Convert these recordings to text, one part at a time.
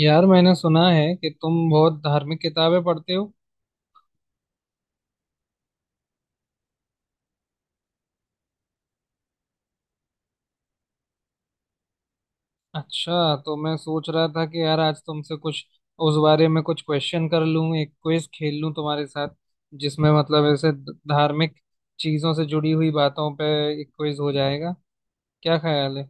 यार मैंने सुना है कि तुम बहुत धार्मिक किताबें पढ़ते हो। अच्छा, तो मैं सोच रहा था कि यार आज तुमसे कुछ उस बारे में कुछ क्वेश्चन कर लूं, एक क्विज खेल लूं तुम्हारे साथ, जिसमें मतलब ऐसे धार्मिक चीजों से जुड़ी हुई बातों पे एक क्विज हो जाएगा। क्या ख्याल है?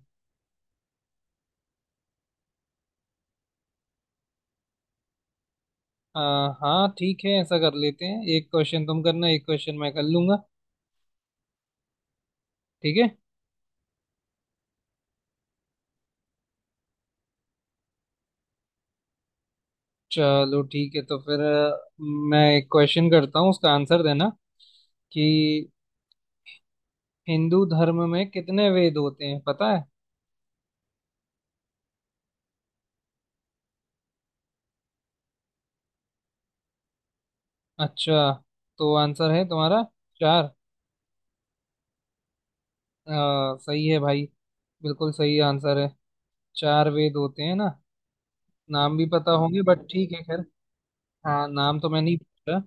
आ, हाँ ठीक है, ऐसा कर लेते हैं, एक क्वेश्चन तुम करना, एक क्वेश्चन मैं कर लूंगा। ठीक है। चलो ठीक है, तो फिर मैं एक क्वेश्चन करता हूँ, उसका आंसर देना कि हिंदू धर्म में कितने वेद होते हैं, पता है? अच्छा, तो आंसर है तुम्हारा चार? सही है भाई, बिल्कुल सही आंसर है। चार वेद होते हैं ना। नाम भी पता होंगे, बट ठीक है, खैर। हाँ, नाम तो मैं नहीं पूछा।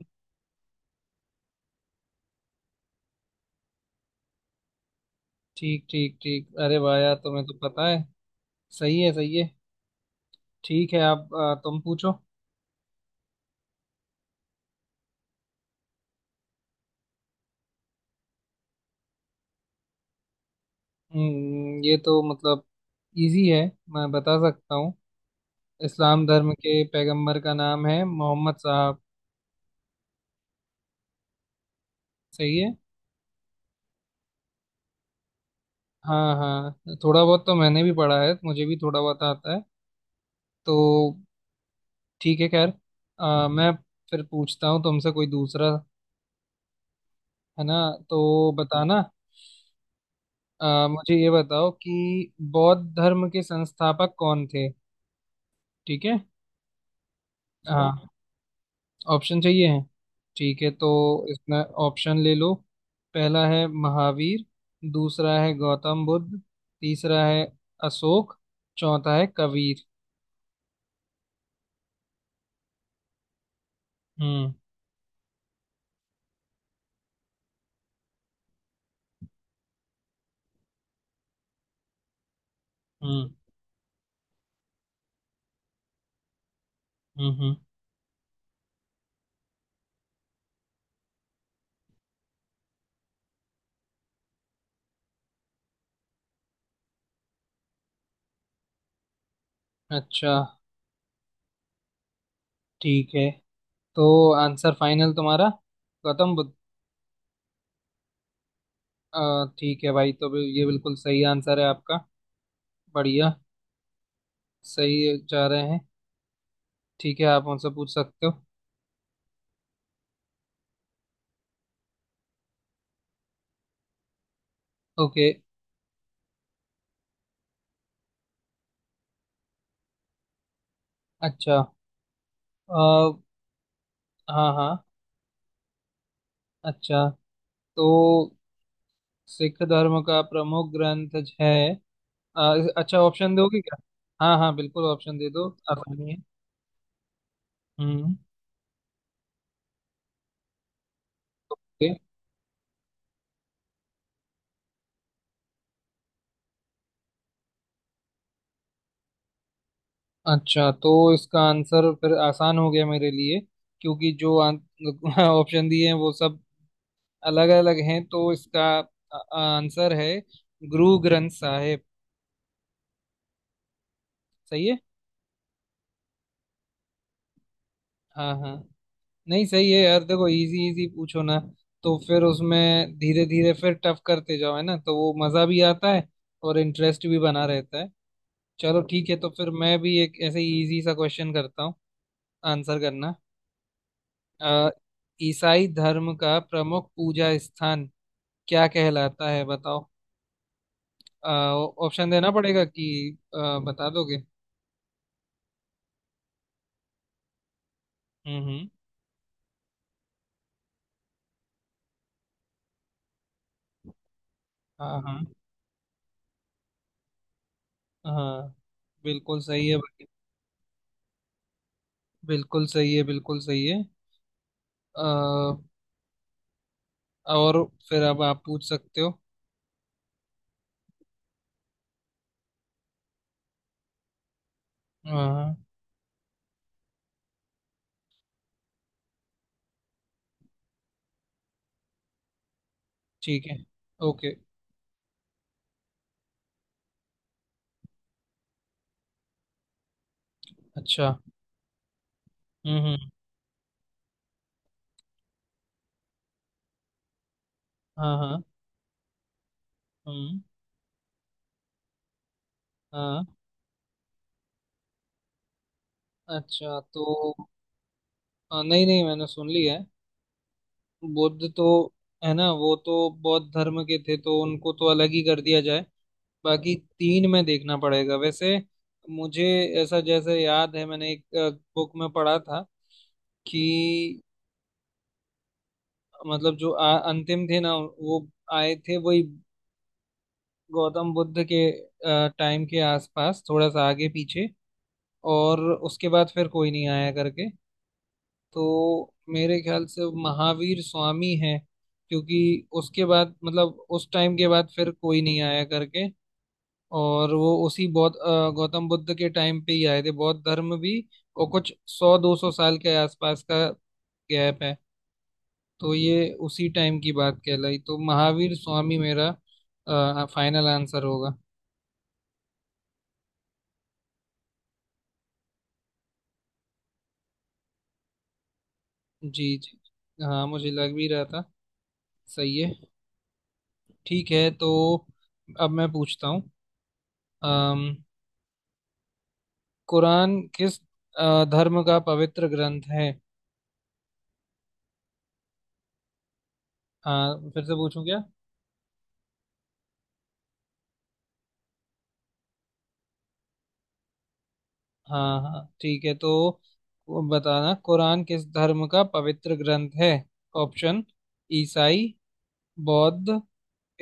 ठीक ठीक ठीक, अरे भाया तुम्हें तो पता है। सही है, सही है। ठीक है, आप तुम पूछो। ये तो मतलब इजी है, मैं बता सकता हूँ। इस्लाम धर्म के पैगंबर का नाम है मोहम्मद साहब। सही है। हाँ हाँ, थोड़ा बहुत तो मैंने भी पढ़ा है, मुझे भी थोड़ा बहुत आता है तो। ठीक है, खैर। मैं फिर पूछता हूँ तुमसे कोई दूसरा, है ना, तो बताना। मुझे ये बताओ कि बौद्ध धर्म के संस्थापक कौन थे? ठीक है। हाँ, ऑप्शन चाहिए है? ठीक है तो इसमें ऑप्शन ले लो। पहला है महावीर, दूसरा है गौतम बुद्ध, तीसरा है अशोक, चौथा है कबीर। हम्म। हम्म। हम्म। हम्म। अच्छा, ठीक है। तो आंसर फाइनल तुम्हारा गौतम बुद्ध? अ, ठीक है भाई, तो ये बिल्कुल सही आंसर है आपका। बढ़िया। सही जा रहे हैं। ठीक है, आप उनसे पूछ सकते हो। ओके। अच्छा। अ, हाँ हाँ। अच्छा, तो सिख धर्म का प्रमुख ग्रंथ है। अ, अच्छा, ऑप्शन दोगे क्या? हाँ हाँ, बिल्कुल ऑप्शन दे दो, आसानी है। हम्म। ओके। अच्छा, तो इसका आंसर फिर आसान हो गया मेरे लिए, क्योंकि जो ऑप्शन दिए हैं वो सब अलग अलग हैं। तो इसका आंसर है गुरु ग्रंथ साहिब। सही है। हाँ हाँ, नहीं सही है यार, देखो इजी इजी पूछो ना, तो फिर उसमें धीरे धीरे फिर टफ करते जाओ, है ना, तो वो मज़ा भी आता है और इंटरेस्ट भी बना रहता है। चलो ठीक है, तो फिर मैं भी एक ऐसे इजी सा क्वेश्चन करता हूँ, आंसर करना। अ, ईसाई धर्म का प्रमुख पूजा स्थान क्या कहलाता है, बताओ। अ, ऑप्शन देना पड़ेगा कि बता दोगे? हम्म। हाँ हाँ। हाँ बिल्कुल सही है भाई। बिल्कुल सही है। बिल्कुल सही है। अ, और फिर अब आप पूछ सकते हो। हाँ ठीक है। ओके। अच्छा। हम्म। हाँ हाँ। हम्म। हाँ। अच्छा, तो नहीं नहीं, मैंने सुन लिया है। बुद्ध तो, है ना, वो तो बौद्ध धर्म के थे, तो उनको तो अलग ही कर दिया जाए। बाकी तीन में देखना पड़ेगा। वैसे मुझे ऐसा जैसे याद है, मैंने एक बुक में पढ़ा था कि मतलब जो अंतिम थे ना वो आए थे, वही गौतम बुद्ध के टाइम के आसपास, थोड़ा सा आगे पीछे, और उसके बाद फिर कोई नहीं आया करके। तो मेरे ख्याल से महावीर स्वामी है, क्योंकि उसके बाद मतलब उस टाइम के बाद फिर कोई नहीं आया करके, और वो उसी गौतम बुद्ध के टाइम पे ही आए थे, बौद्ध धर्म भी। और कुछ सौ 200 साल के आसपास का गैप है। तो ये उसी टाइम की बात कहलाई, तो महावीर स्वामी मेरा फाइनल आंसर होगा। जी जी। हाँ, मुझे लग भी रहा था। सही है। ठीक है, तो अब मैं पूछता हूँ। अम, कुरान किस धर्म का पवित्र ग्रंथ है? हाँ, फिर से पूछूं क्या? हाँ हाँ ठीक है। तो वो बताना, कुरान किस धर्म का पवित्र ग्रंथ है? ऑप्शन: ईसाई, बौद्ध,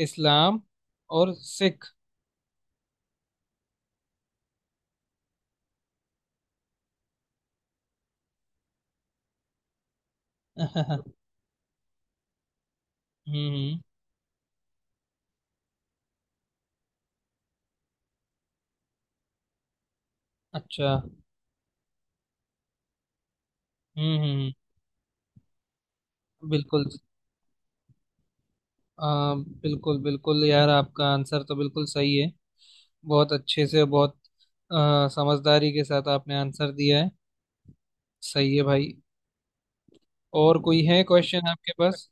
इस्लाम और सिख। हम्म। अच्छा। हम्म। हम्म। बिल्कुल। आ, बिल्कुल बिल्कुल यार, आपका आंसर तो बिल्कुल सही है। बहुत अच्छे से, बहुत समझदारी के साथ आपने आंसर दिया है। सही है भाई। और कोई है क्वेश्चन आपके पास?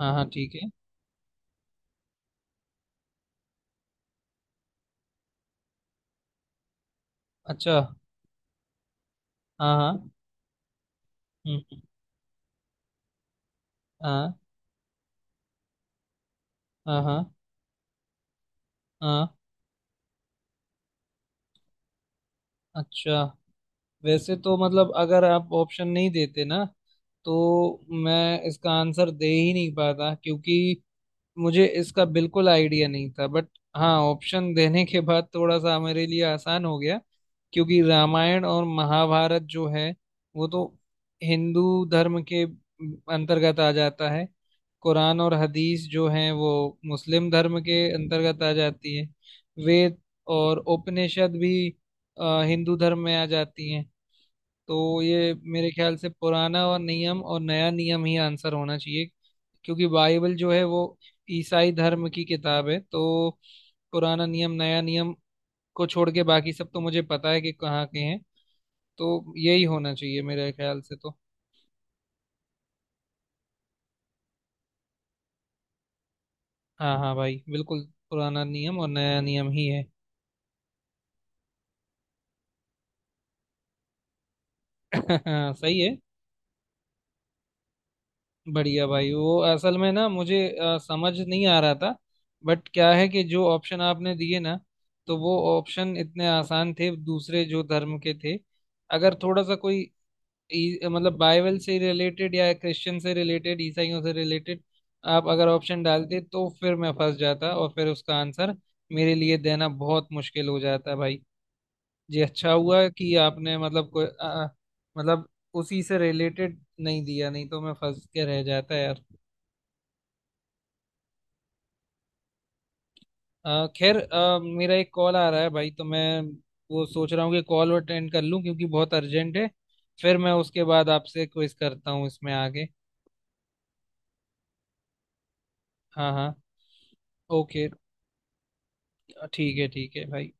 हाँ हाँ ठीक है। अच्छा। हाँ हाँ। हम्म। हम्म, हाँ हाँ। हाँ हाँ। अच्छा, वैसे तो मतलब अगर आप ऑप्शन नहीं देते ना तो मैं इसका आंसर दे ही नहीं पाता, क्योंकि मुझे इसका बिल्कुल आइडिया नहीं था। बट हाँ, ऑप्शन देने के बाद थोड़ा सा मेरे लिए आसान हो गया, क्योंकि रामायण और महाभारत जो है वो तो हिंदू धर्म के अंतर्गत आ जाता है। कुरान और हदीस जो हैं वो मुस्लिम धर्म के अंतर्गत आ जाती है। वेद और उपनिषद भी हिंदू धर्म में आ जाती हैं। तो ये मेरे ख्याल से पुराना और नियम और नया नियम ही आंसर होना चाहिए, क्योंकि बाइबल जो है वो ईसाई धर्म की किताब है। तो पुराना नियम नया नियम को छोड़ के बाकी सब तो मुझे पता है कि कहाँ के हैं। तो यही होना चाहिए मेरे ख्याल से तो। हाँ हाँ भाई बिल्कुल, पुराना नियम और नया नियम ही है। हाँ सही है। बढ़िया भाई, वो असल में ना मुझे समझ नहीं आ रहा था। बट क्या है कि जो ऑप्शन आपने दिए ना, तो वो ऑप्शन इतने आसान थे दूसरे जो धर्म के थे। अगर थोड़ा सा कोई मतलब बाइबल से रिलेटेड या क्रिश्चियन से रिलेटेड, ईसाइयों से रिलेटेड आप अगर ऑप्शन डालते तो फिर मैं फंस जाता, और फिर उसका आंसर मेरे लिए देना बहुत मुश्किल हो जाता भाई। जी, अच्छा हुआ कि आपने मतलब कोई मतलब उसी से रिलेटेड नहीं दिया, नहीं तो मैं फंस के रह जाता यार। खैर, मेरा एक कॉल आ रहा है भाई, तो मैं वो सोच रहा हूँ कि कॉल अटेंड कर लूँ क्योंकि बहुत अर्जेंट है। फिर मैं उसके बाद आपसे क्विज करता हूँ इसमें आगे। हाँ हाँ। ओके। ठीक है, ठीक है भाई।